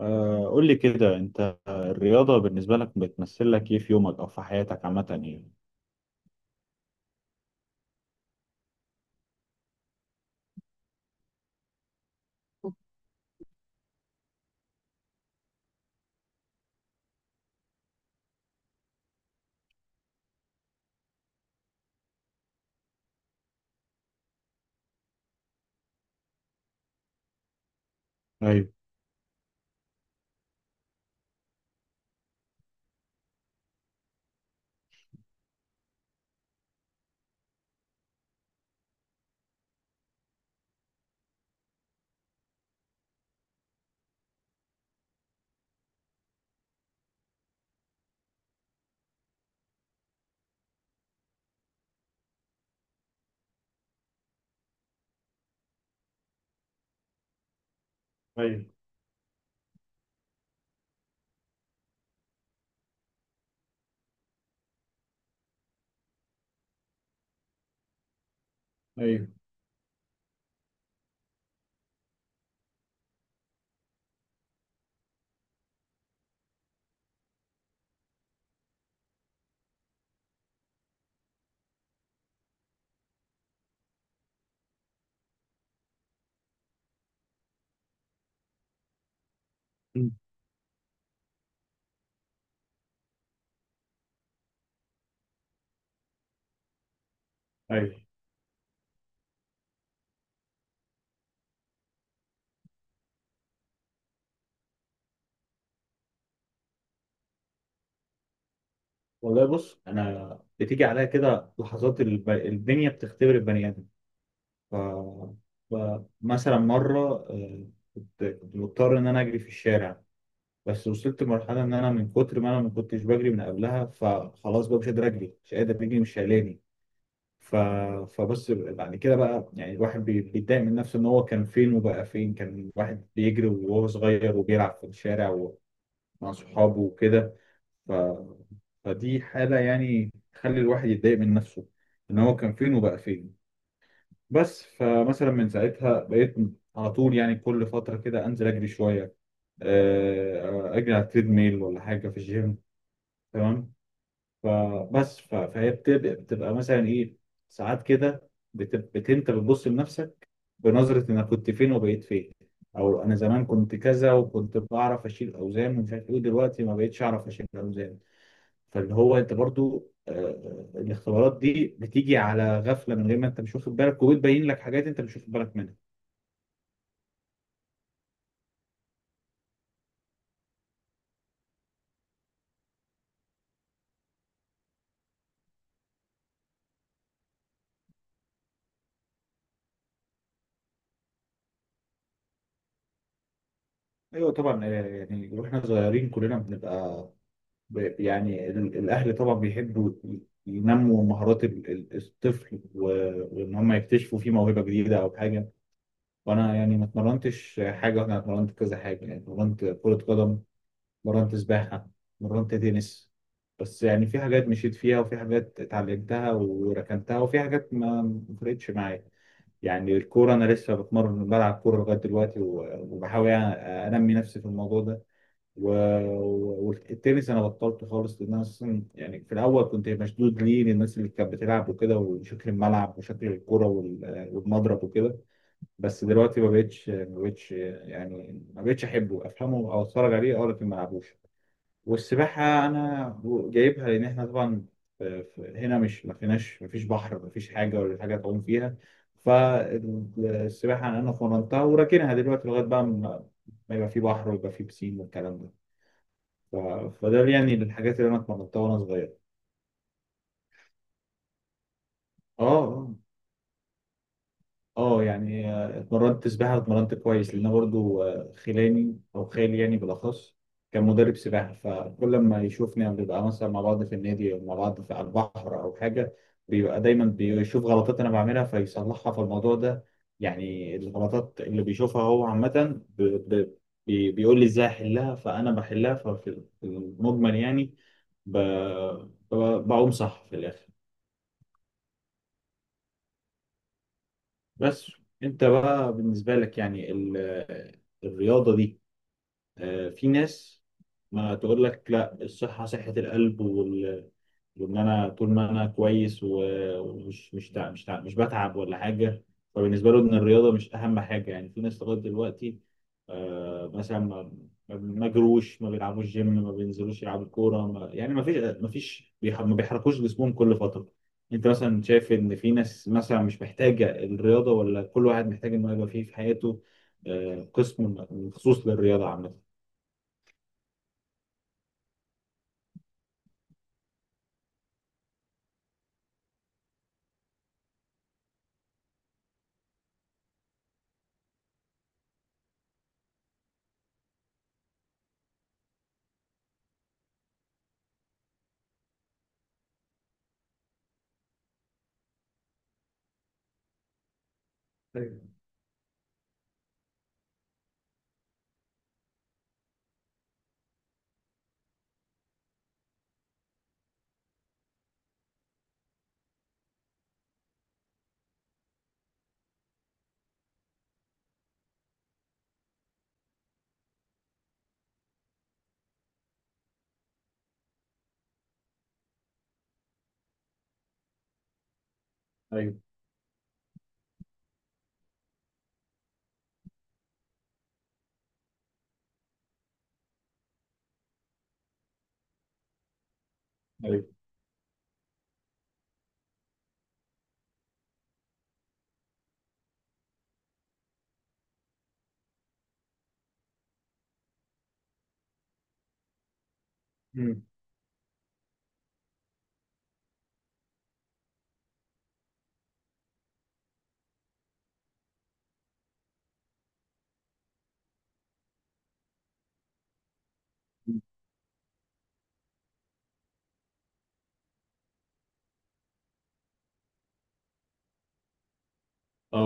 قول لي كده، انت الرياضة بالنسبة لك بتمثل لك ايه في يومك او في حياتك عامة، يعني؟ ايوه، ايوه، ايوه. مم. ايوه، والله بص، انا بتيجي عليا كده لحظات الدنيا بتختبر البني ادم. ف... مثلا مره، آه، كنت مضطر ان انا اجري في الشارع. بس وصلت لمرحله ان انا من كتر ما انا ما كنتش بجري من قبلها، فخلاص بقى مش قادر اجري، مش قادر اجري، مش شايلاني. ف... فبص، بعد كده بقى يعني الواحد بيتضايق من نفسه، ان هو كان فين وبقى فين. كان واحد بيجري وهو صغير وبيلعب في الشارع ومع صحابه وكده. ف... فدي حالة يعني تخلي الواحد يتضايق من نفسه، ان هو كان فين وبقى فين. بس فمثلا من ساعتها بقيت على طول، يعني كل فترة كده انزل اجري شوية، اجري على التريد ميل ولا حاجة في الجيم، تمام. فبس فهي بتبقى مثلا ايه ساعات كده، انت بتبص لنفسك بنظرة، انا كنت فين وبقيت فين. او انا زمان كنت كذا، وكنت بعرف اشيل اوزان ومش عارف ايه، دلوقتي ما بقيتش اعرف اشيل اوزان. فاللي هو انت برضو، الاختبارات دي بتيجي على غفلة، من غير ما انت مش واخد بالك، وبتبين لك حاجات انت مش واخد بالك منها. ايوه طبعا. يعني واحنا صغيرين كلنا بنبقى، يعني الأهل طبعا بيحبوا ينموا مهارات الطفل وإن هم يكتشفوا فيه موهبة جديدة أو حاجة. وأنا يعني ما اتمرنتش حاجة، وأنا اتمرنت كذا حاجة يعني، اتمرنت كرة قدم، اتمرنت سباحة، اتمرنت تنس. بس يعني في حاجات مشيت فيها، وفي حاجات اتعلمتها وركنتها، وفي حاجات ما فرقتش معايا. يعني الكورة، أنا لسه بتمرن بلعب كورة لغاية دلوقتي، وبحاول يعني أنمي نفسي في الموضوع ده. و... والتنس انا بطلته خالص، لان انا اصلا يعني في الاول كنت مشدود ليه للناس اللي كانت بتلعب وكده، وشكل الملعب وشكل الكرة والمضرب وكده. بس دلوقتي ما بقتش يعني ما بقتش احبه افهمه او اتفرج عليه، او لكن ما العبوش. والسباحة انا جايبها، لان احنا طبعا هنا، مش ما فيش بحر، ما فيش حاجة ولا حاجة تعوم فيها. فالسباحة انا فرنتها وراكنها دلوقتي، لغاية بقى ما يبقى في بحر ويبقى في بسين والكلام ده. ف- فده يعني الحاجات اللي انا اتمرنتها وانا صغير. اه، اه، اه. يعني اتمرنت سباحه، اتمرنت كويس، لان أنا برضو، خلاني او خالي يعني بالاخص كان مدرب سباحه، فكل ما يشوفني بنبقى مثلا مع بعض في النادي او مع بعض في على البحر او حاجه، بيبقى دايما بيشوف غلطات انا بعملها فيصلحها في الموضوع ده. يعني الغلطات اللي بيشوفها هو عامه، ب- بيقول لي ازاي احلها، فانا بحلها. ففي المجمل يعني ب- بقوم صح في الاخر. بس انت بقى بالنسبة لك، يعني الرياضة دي، في ناس ما تقول لك لا، الصحة صحة القلب وان انا طول ما انا كويس، ومش مش بتعب ولا حاجة، فبالنسبة له ان الرياضة مش اهم حاجة. يعني في ناس لغاية دلوقتي، مثلا ما جروش، ما بيلعبوش جيم، ما بينزلوش يلعبوا كورة، ما... يعني ما فيش ما بيحركوش جسمهم كل فترة. انت مثلا شايف ان في ناس مثلا مش محتاجة الرياضة، ولا كل واحد محتاج انه يبقى فيه في حياته قسم مخصوص للرياضة عامة؟ ايوه، ايوه، ايوه. مم. اه.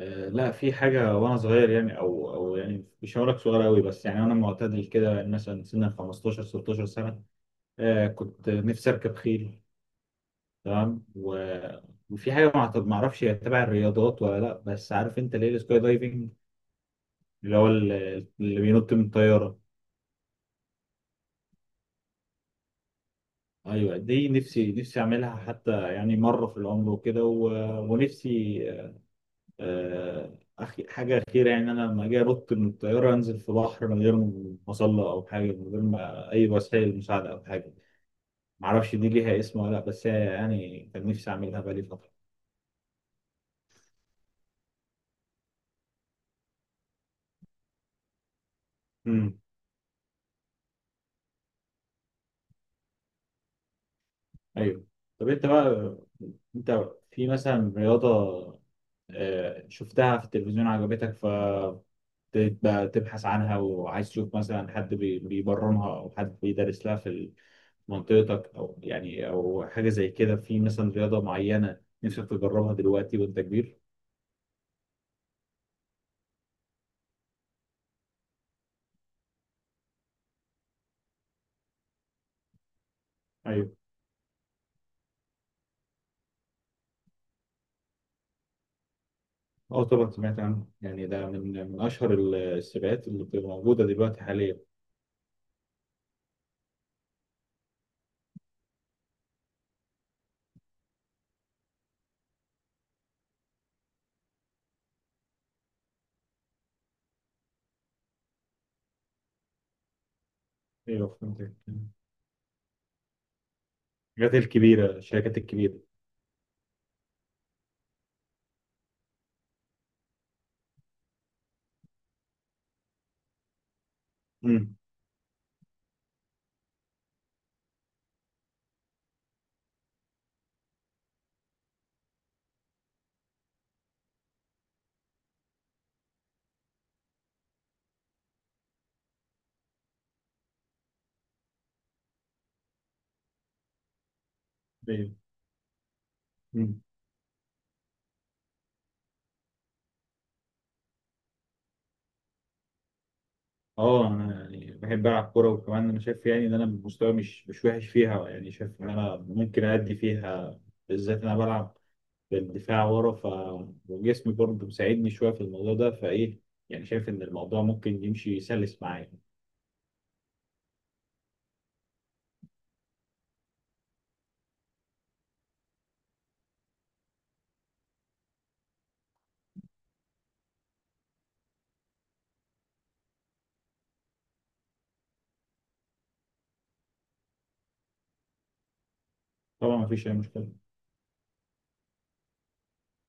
لا، في حاجه وانا صغير يعني، او يعني مش هقول لك صغير قوي، بس يعني انا معتدل كده يعني مثلا سن 15 16 سنه. آه كنت نفسي اركب خيل، تمام. وفي حاجه ما اعرفش هي تبع الرياضات ولا لا، بس عارف انت ليه السكاي دايفنج؟ اللي هو اللي بينط من الطياره. ايوه دي نفسي نفسي اعملها، حتى يعني مره في العمر وكده، ونفسي حاجة أخيرة، يعني أنا لما أجي أنط من الطيارة أنزل في بحر، من غير مظلة أو حاجة، من غير ما أي وسائل مساعدة أو حاجة. معرفش دي ليها اسم ولا لأ، بس هي يعني كان نفسي أعملها بقالي فترة. امم. أيوه. طب أنت بقى، أنت في مثلا رياضة شفتها في التلفزيون عجبتك، تبقى تبحث عنها وعايز تشوف مثلا حد بيبرمها او حد بيدرس لها في منطقتك، او يعني او حاجه زي كده، في مثلا رياضه معينه نفسك تجربها دلوقتي وانت كبير؟ ايوه. اه طبعا سمعت عنه، يعني ده من اشهر السباقات اللي بتبقى موجوده دلوقتي حاليا. ايوه فهمتك، الحاجات الكبيره، الشركات الكبيره. امم. ايوه. مم. اه انا يعني بحب العب كوره، وكمان انا شايف يعني ان انا مستواي مش وحش فيها، يعني شايف ان انا ممكن ادي فيها. بالذات انا بلعب بالدفاع ورا، وجسمي برضه مساعدني شويه في الموضوع ده، فايه يعني شايف ان الموضوع ممكن يمشي سلس معايا. طبعا مفيش اي مشكله.